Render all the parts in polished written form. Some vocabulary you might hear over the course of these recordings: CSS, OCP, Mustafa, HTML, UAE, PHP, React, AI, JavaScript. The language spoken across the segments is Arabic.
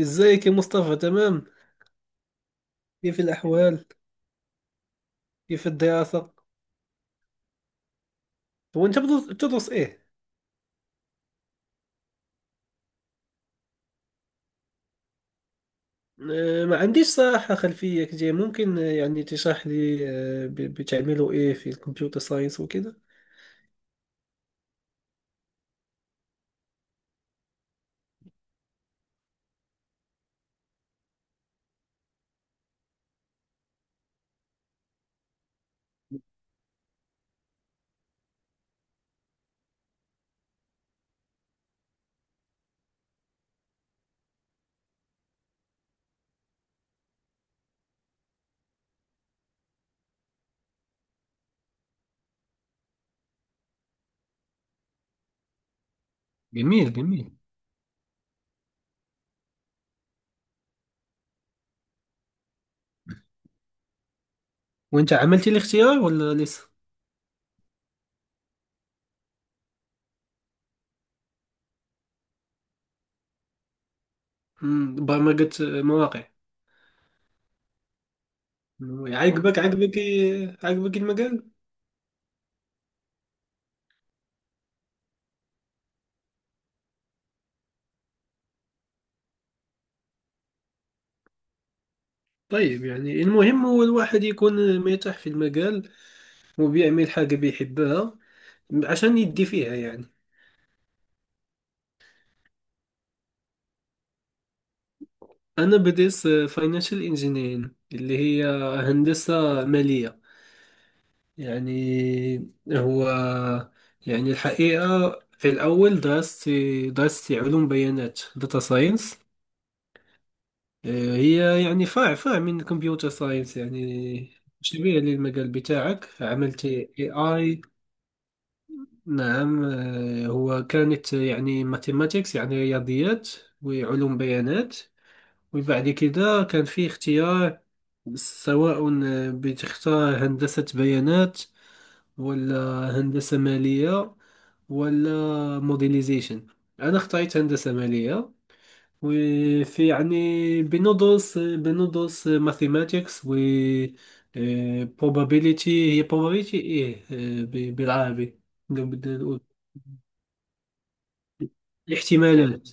ازيك يا مصطفى؟ تمام، كيف الأحوال؟ كيف الدراسة؟ هو أنت بتدرس تدرس إيه؟ آه، ما عنديش صراحة خلفية كتير. ممكن يعني تشرح لي بتعملوا إيه في الكمبيوتر ساينس وكذا؟ جميل جميل. وأنت عملتي الاختيار ولا لسه؟ برمجة، مواقع. والله عجبك عجبك المجال؟ طيب، يعني المهم هو الواحد يكون مرتاح في المجال وبيعمل حاجة بيحبها عشان يدي فيها يعني. أنا بديت فاينانشال انجينيرينج، اللي هي هندسة مالية. يعني هو، يعني الحقيقة في الأول درست، درست علوم بيانات، داتا ساينس. هي يعني فرع من كمبيوتر ساينس يعني، شبيه للمجال بتاعك. عملت اي اي. نعم. آه، هو كانت يعني ماثيماتيكس، يعني رياضيات وعلوم بيانات. وبعد كده كان فيه اختيار، سواء بتختار هندسة بيانات، ولا هندسة مالية، ولا موديليزيشن. أنا اخترت هندسة مالية. وفي يعني، بندرس ماثيماتيكس، و probability. هي probability إيه بالعربي؟ نقدر نقول احتمالات.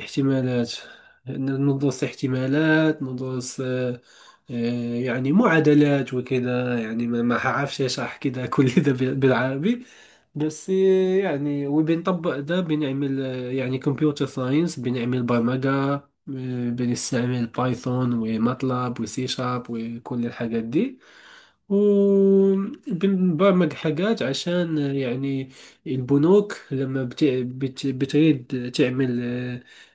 احتمالات. ندرس احتمالات، ندرس آه، يعني معادلات وكذا. يعني ما حعرفش اشرح كذا. كل ده بالعربي. بس يعني وبنطبق ده. بنعمل يعني كمبيوتر ساينس، بنعمل برمجة. بنستعمل بايثون وماتلاب وسي شارب وكل الحاجات دي. وبنبرمج حاجات عشان يعني البنوك لما بتريد تعمل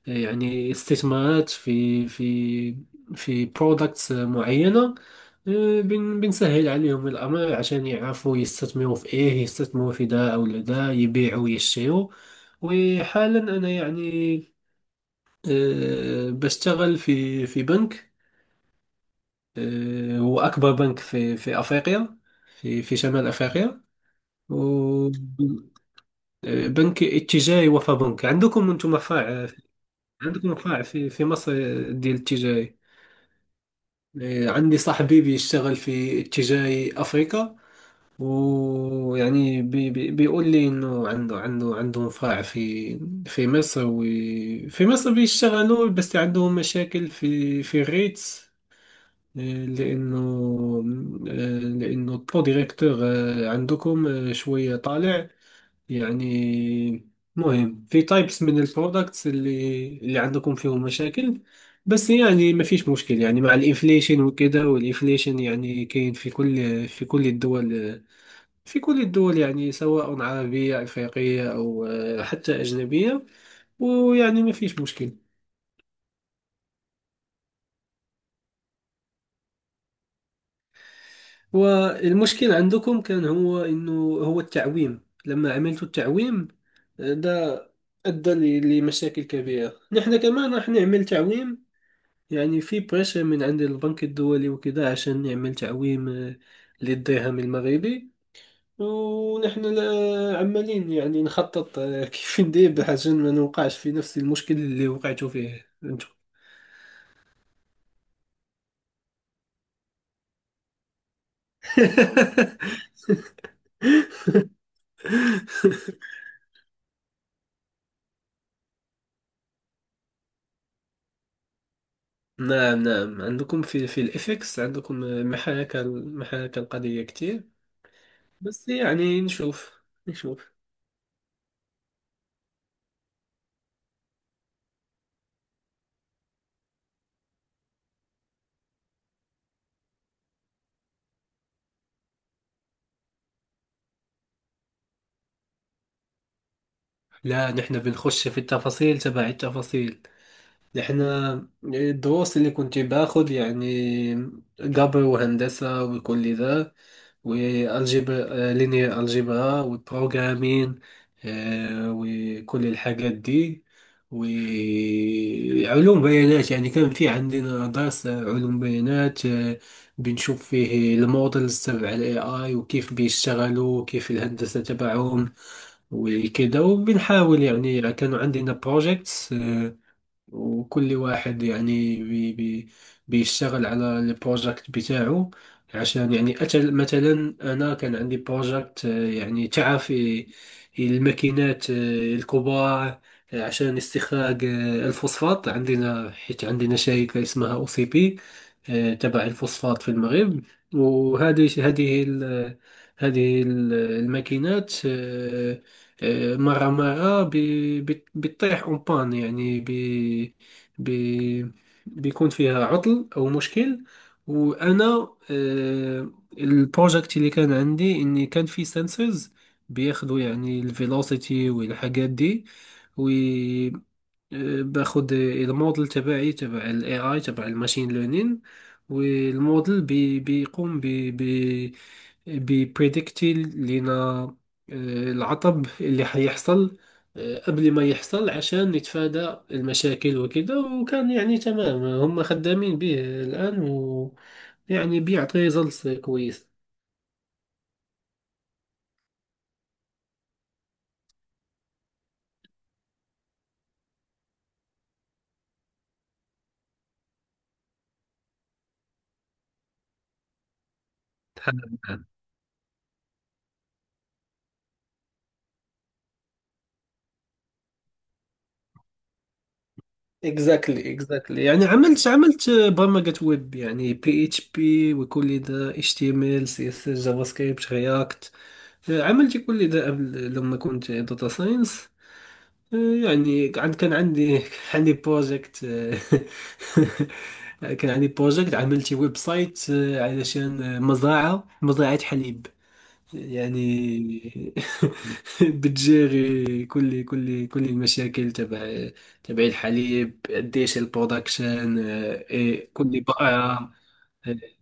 يعني استثمارات في في برودكتس معينة. آه، بنسهل عليهم الأمر عشان يعرفوا يستثمروا في إيه، يستثمروا في ده أو ده، يبيعوا ويشتروا. وحالا أنا يعني بشتغل في بنك. آه، هو أكبر بنك في أفريقيا، في شمال أفريقيا. و بنك اتجاهي. وفبنك عندكم أنتم فرع، عندكم فرع في مصر، ديال اتجاهي. آه، عندي صاحبي بيشتغل في اتجاهي أفريقيا، ويعني بي بي بيقول لي إنه عندهم فرع في في مصر، وفي مصر بيشتغلوا، بس عندهم مشاكل في الريتس. لأنه، لأنه البرو ديريكتور عندكم شوية طالع، يعني مهم في تايبس من البرودكتس اللي عندكم فيهم مشاكل. بس يعني ما فيش مشكل يعني مع الانفليشن وكده. والانفليشن يعني كاين في كل، في كل الدول. في كل الدول يعني، سواء عربية أفريقية أو حتى أجنبية، ويعني ما فيش مشكل. والمشكل عندكم كان هو انه، هو التعويم، لما عملت التعويم ده، ادى لمشاكل كبيره. نحن كمان راح نعمل تعويم، يعني في بريشر من عند البنك الدولي وكذا عشان نعمل تعويم للدرهم المغربي. ونحن عمالين يعني نخطط. آه، كيف ندير عشان ما نوقعش في نفس المشكل اللي وقعتوا فيه انتم. نعم نعم. عندكم في الإفكس، عندكم محاكاة القضية كتير. بس يعني نشوف، نشوف. لا، نحن بنخش في التفاصيل، تبع التفاصيل. نحن الدروس اللي كنت باخذ يعني، قبر وهندسة وكل ذا، والجبر لينير، الجبرا، والبروغرامين، وكل الحاجات دي. وعلوم بيانات يعني، كان في عندنا درس علوم بيانات. آه، بنشوف فيه المودلز تبع الاي اي، وكيف بيشتغلوا وكيف الهندسة تبعهم وكده. وبنحاول يعني، كانوا عندنا بروجيكتس، وكل واحد يعني بي بي بيشتغل على البروجكت بتاعه عشان يعني أتل. مثلا أنا كان عندي بروجكت. آه، يعني تعرف الماكينات الكبار، آه، عشان استخراج الفوسفات. عندنا حيت عندنا شركة اسمها أو سي بي، آه، تبع الفوسفات في المغرب. وهذه، الماكينات، آه، مرة بتطيح اون بان، يعني بي بي بيكون فيها عطل أو مشكل. وأنا، آه، البروجكت اللي كان عندي إني كان في سنسورز بياخدوا يعني الفيلوسيتي والحاجات دي. باخد الموديل تبعي تبع الاي اي تبع الماشين ليرنين، والموديل بيقوم ب ببريدكتي لنا العطب اللي حيحصل قبل ما يحصل، عشان نتفادى المشاكل وكده. وكان يعني تمام، هم خدامين به الآن، ويعني بيعطي ريزلتس كويس. اكزاكتلي اكزاكتلي. يعني عملت برمجة ويب، يعني بي اتش بي وكل ذا، اتش تي ام ال، سي اس اس، جافا سكريبت، رياكت. عملت كل ذا قبل لما كنت داتا ساينس. يعني كان كان عندي كان عندي بروجكت. كان عندي بروجكت، عملت ويب سايت علشان مزرعة حليب يعني. بتجيري كل المشاكل تبع، تبع الحليب، قديش البرودكشن، آه، إيه، كل بقعة.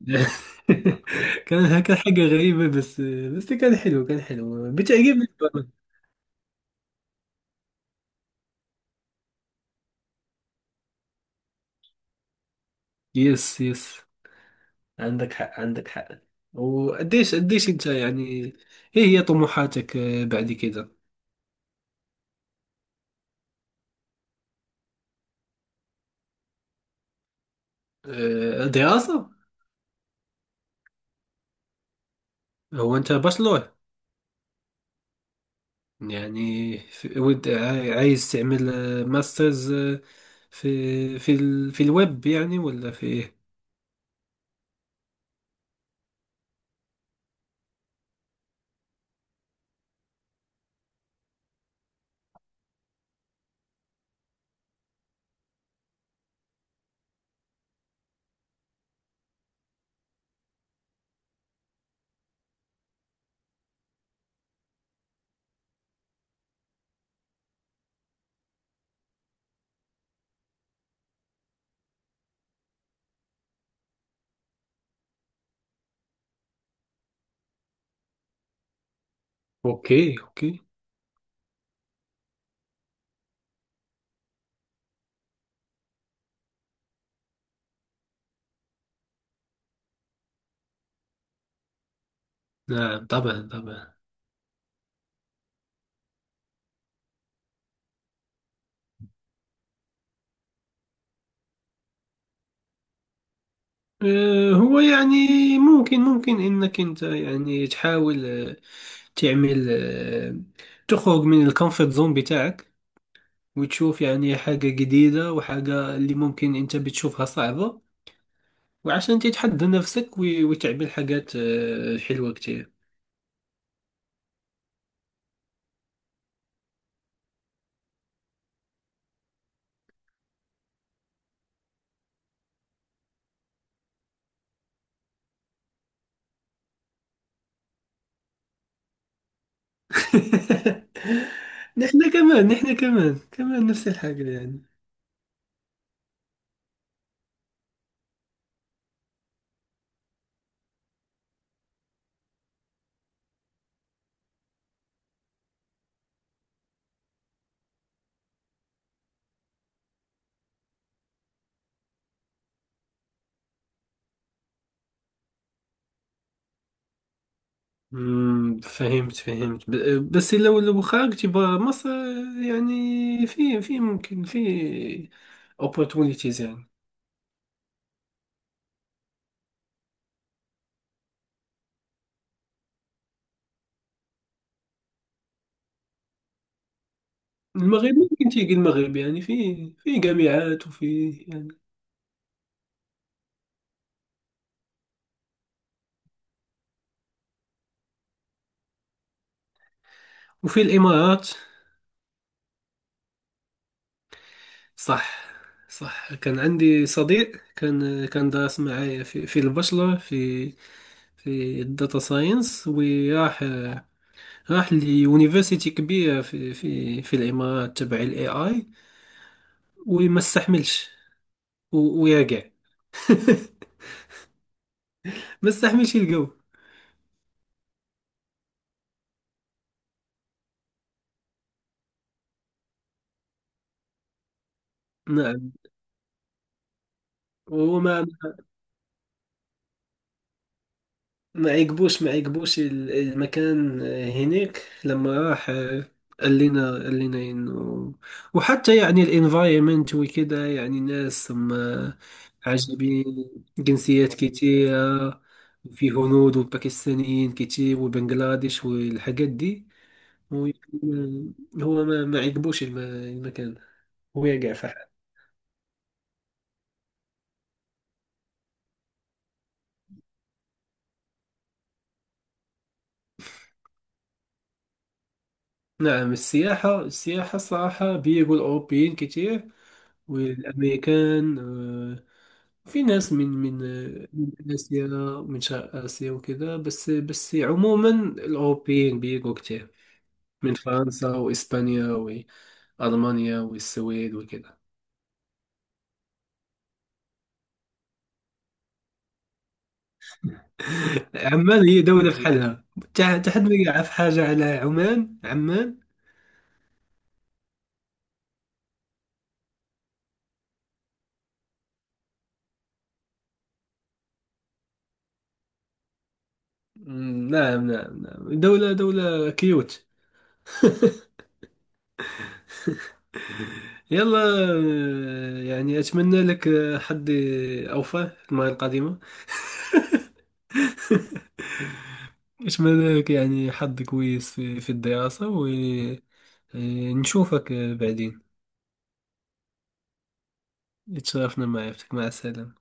كان هكا حاجة غريبة، بس بس كان حلو، كان حلو، بتعجبني البرمجة. يس يس. عندك حق. وقديش قديش انت يعني، ايه هي طموحاتك بعد كده؟ آه، دراسة. هو انت بشلور؟ يعني عايز تعمل ماسترز في الويب يعني، ولا في ايه؟ اوكي اوكي. نعم طبعا طبعا. آه، هو يعني، ممكن انك انت يعني تحاول تعمل تخرج من الكومفورت زون بتاعك، وتشوف يعني حاجة جديدة، وحاجة اللي ممكن انت بتشوفها صعبة، وعشان تتحدى نفسك وتعمل حاجات حلوة كتير. نحن كمان، نحن كمان نفس الحاجة يعني. مم، فهمت بس لو خرجت برا مصر يعني، في في ممكن في opportunities يعني. المغرب، ممكن تيجي المغرب، يعني في في جامعات وفي يعني. وفي الإمارات. صح صح. كان عندي صديق، كان كان دارس معايا في البشرة، في في الداتا ساينس. وراح، راح ليونيفرسيتي كبيرة في الإمارات تبع الاي اي، وما استحملش، ويرجع. ما استحملش يلقاو. نعم. وهو ما، ما عجبوش المكان هناك لما راح. قال لنا انه، وحتى يعني الانفايرمنت وكده، يعني ناس هم عجبين، جنسيات كتيرة. في هنود وباكستانيين كتير وبنجلاديش والحاجات دي. هو يكون- هو ما, ما عجبوش المكان، ويقع في حال. نعم. السياحة، السياحة الصراحة بيجوا الأوروبيين كتير، والأمريكان. آه، في ناس من من من آسيا، من شرق آسيا وكذا. بس بس عموما الأوروبيين بيجوا كتير، من فرنسا وإسبانيا وألمانيا والسويد وكذا. عمان هي دولة في حالها. تا تا حد ما يعرف حاجة على عمان. عمان، مم، نعم دولة، دولة كيوت. يلا، يعني أتمنى لك حظ أوفى في المرة القادمة. أتمنى لك يعني حظ كويس في, في الدراسة، ونشوفك بعدين. اتشرفنا معرفتك، مع السلامة.